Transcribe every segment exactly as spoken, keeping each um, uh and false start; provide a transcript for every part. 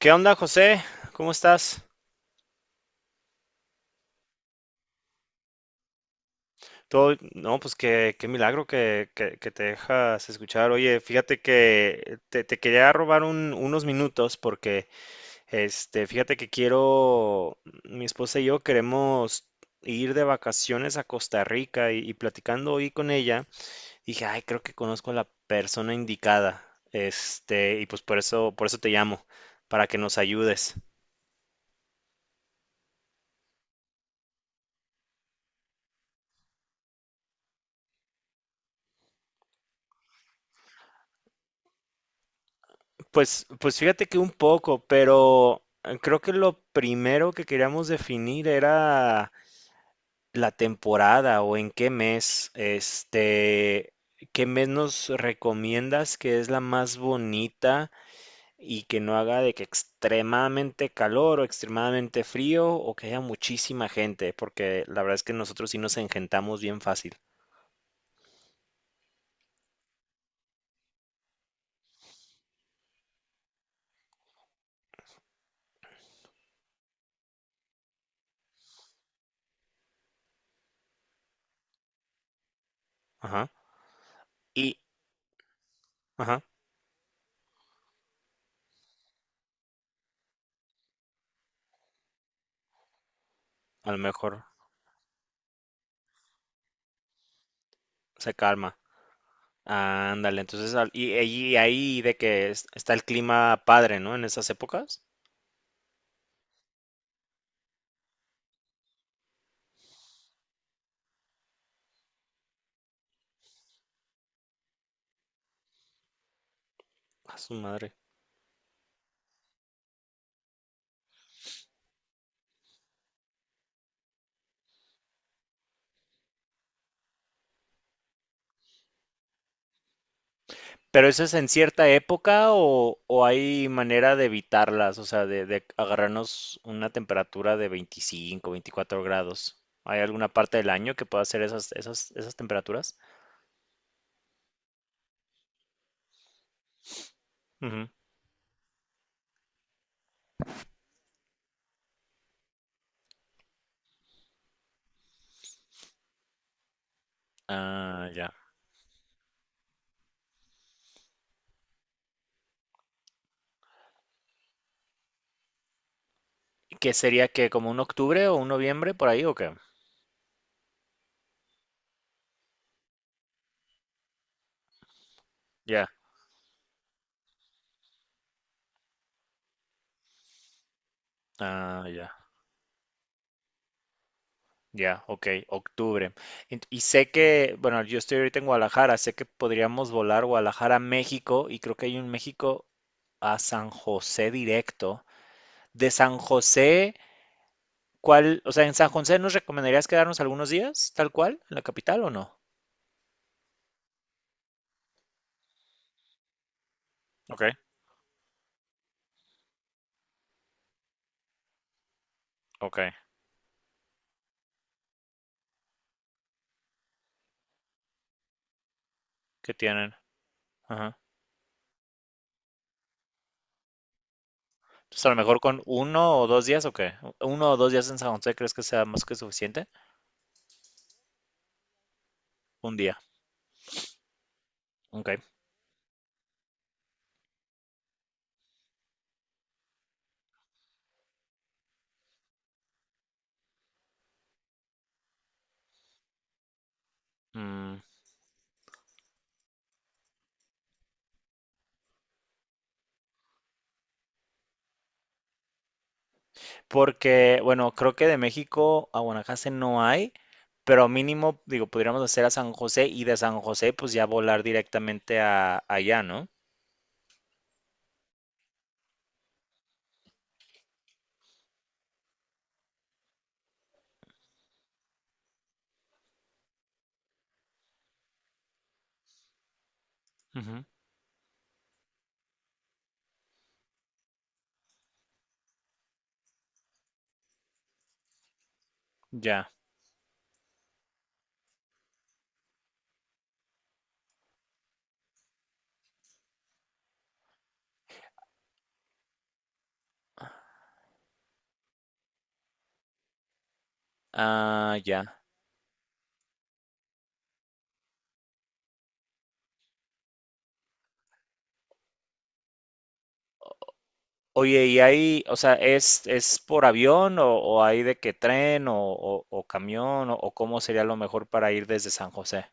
¿Qué onda, José? ¿Cómo estás? Todo, no, pues qué, qué milagro que, que- que te dejas escuchar. Oye, fíjate que te, te quería robar un- unos minutos porque, este, fíjate que quiero, mi esposa y yo queremos ir de vacaciones a Costa Rica y, y platicando hoy con ella, dije, ay, creo que conozco a la persona indicada. Este, y pues por eso, por eso te llamo, para que nos ayudes. Pues, pues fíjate que un poco, pero eh, creo que lo primero que queríamos definir era la temporada o en qué mes, este, qué mes nos recomiendas que es la más bonita y que no haga de que extremadamente calor o extremadamente frío o que haya muchísima gente, porque la verdad es que nosotros sí nos engentamos bien fácil. Ajá. Y, ajá, a lo mejor se calma. Ándale, entonces, al- y, y ahí de que es- está el clima padre, ¿no? En esas épocas. A su madre. ¿Pero eso es en cierta época o, o hay manera de evitarlas? O sea, de, de agarrarnos una temperatura de veinticinco veinticuatro grados. ¿Hay alguna parte del año que pueda hacer esas, esas, esas temperaturas? Ujú. Ah, ya. ¿Qué sería que como un octubre o un noviembre por ahí o qué? Ya. Ah, ya. Ya, ok, octubre. Ent- Y sé que, bueno, yo estoy ahorita en Guadalajara, sé que podríamos volar Guadalajara a México y creo que hay un México a San José directo. De San José, ¿cuál? O sea, ¿en San José nos recomendarías quedarnos algunos días, tal cual, en la capital o no? Ok, ok, ¿qué tienen? Ajá. Entonces, a lo mejor con uno o dos días, ¿o qué? ¿Uno o dos días en San José crees que sea más que suficiente? Un día, ok. Porque, bueno, creo que de México a Guanacaste no hay, pero mínimo, digo, podríamos hacer a San José y de San José, pues ya volar directamente a allá, ¿no? Ujú, ya. Ah, ya. Oye, ¿y hay, o sea, es, es por avión o, o hay de qué tren o, o- o camión o, o cómo sería lo mejor para ir desde San José?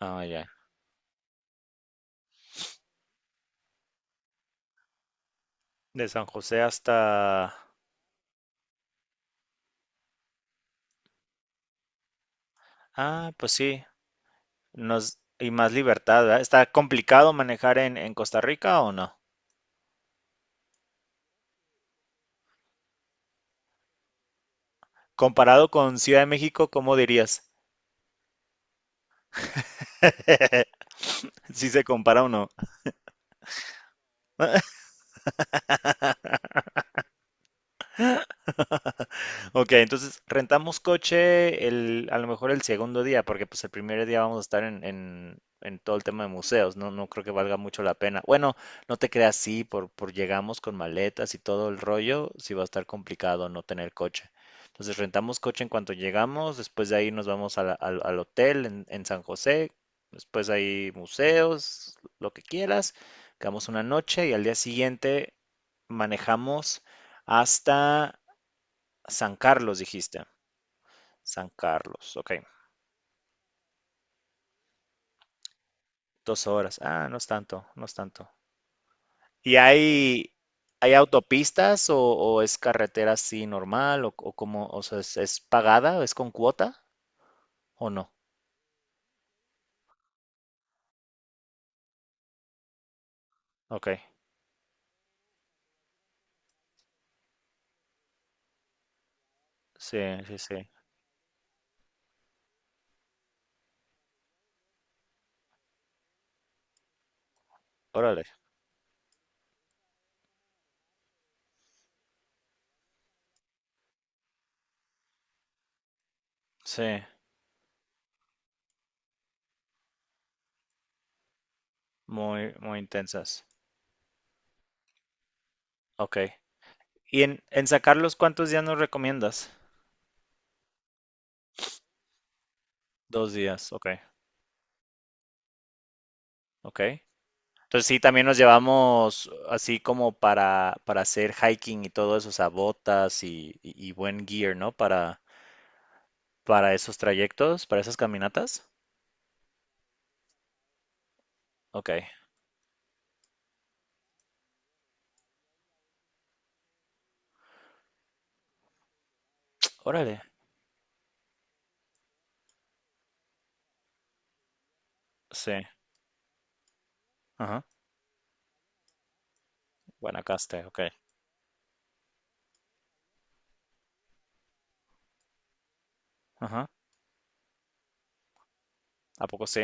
Ah, ya. De San José hasta... Ah, pues sí. Nos... Y más libertad, ¿verdad? ¿Está complicado manejar en, en Costa Rica o no? Comparado con Ciudad de México, ¿cómo dirías? Si se compara o no. Ok, entonces rentamos coche el, a lo mejor el segundo día, porque pues el primer día vamos a estar en, en- en todo el tema de museos, no, no creo que valga mucho la pena. Bueno, no te creas, sí, por, por llegamos con maletas y todo el rollo, sí va a estar complicado no tener coche. Entonces rentamos coche en cuanto llegamos, después de ahí nos vamos a la- al, al hotel en, en San José, después hay museos, lo que quieras, quedamos una noche y al día siguiente manejamos hasta San Carlos, dijiste. San Carlos, ok. Dos horas. Ah, no es tanto, no es tanto. ¿Y hay, hay autopistas o, o es carretera así normal o, o cómo, o sea, es, es pagada, es con cuota o no? Ok, sí, sí, sí. Órale, sí, muy, muy intensas. Ok. ¿Y en, en San Carlos cuántos días nos recomiendas? Dos días, ok, ok. Entonces sí, también nos llevamos así como para, para hacer hiking y todo eso, o sea, botas y, y- y buen gear, ¿no? Para, para esos trayectos, para esas caminatas. Ok, órale, sí, ajá, Guanacaste, ok, ajá, ¿a poco sí?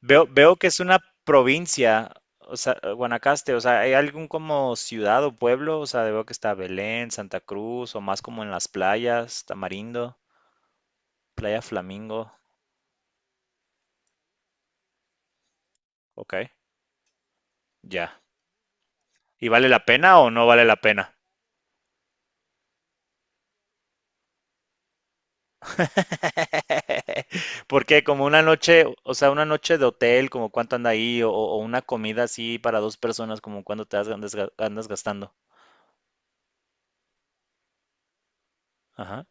Veo, veo que es una provincia, o sea, Guanacaste, o sea, ¿hay algún como ciudad o pueblo? O sea, veo que está Belén, Santa Cruz, o más como en las playas, Tamarindo, Playa Flamingo, ok, ya. ¿Y vale la pena o no vale la pena? Porque como una noche, o sea, una noche de hotel, como cuánto anda ahí, o, o una comida así para dos personas, como cuánto te has- andas, ga- andas gastando. Ajá.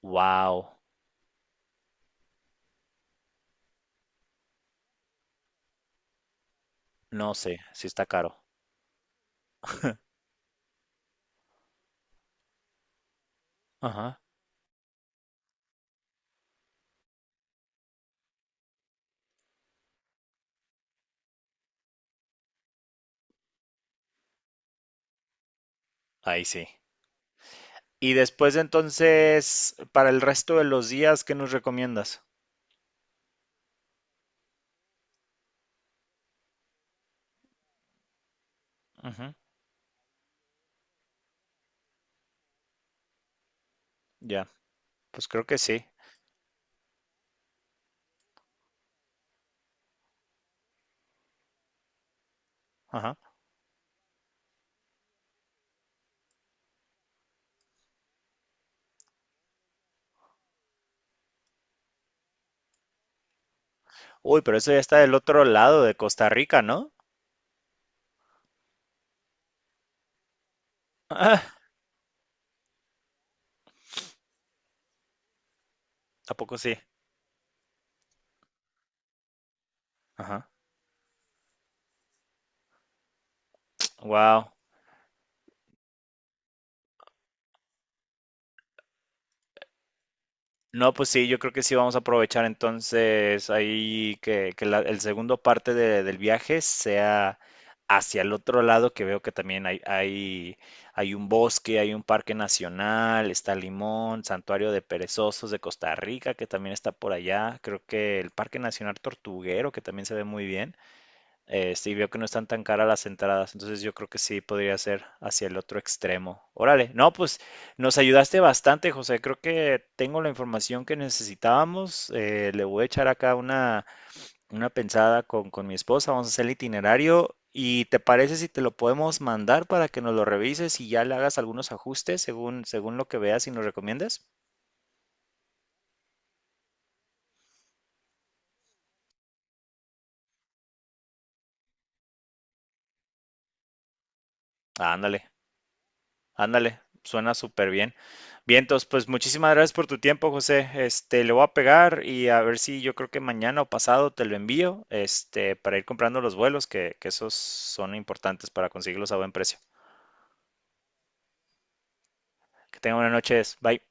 Wow. No sé, sí está caro. Ajá. Ahí sí. Y después entonces, para el resto de los días, ¿qué nos recomiendas? Ujú, ya, pues creo que sí. Ajá. Uy, pero eso ya está del otro lado de Costa Rica, ¿no? Ah, ¿a poco sí? Ajá. Wow. No, pues sí, yo creo que sí vamos a aprovechar entonces ahí que, que la, el segundo parte de- del viaje sea hacia el otro lado, que veo que también hay, hay, hay un bosque, hay un parque nacional, está Limón, Santuario de Perezosos de Costa Rica, que también está por allá. Creo que el Parque Nacional Tortuguero, que también se ve muy bien. Eh, sí, veo que no están tan caras las entradas, entonces yo creo que sí podría ser hacia el otro extremo. Órale, no, pues nos ayudaste bastante, José. Creo que tengo la información que necesitábamos. Eh, le voy a echar acá una, una pensada con, con mi esposa. Vamos a hacer el itinerario. ¿Y te parece si te lo podemos mandar para que nos lo revises y ya le hagas algunos ajustes según, según lo que veas y nos recomiendes? Ándale. Ándale, suena súper bien. Bien, entonces, pues muchísimas gracias por tu tiempo, José. Este, le voy a pegar y a ver si yo creo que mañana o pasado te lo envío, este, para ir comprando los vuelos, que, que esos son importantes para conseguirlos a buen precio. Que tengan buenas noches. Bye.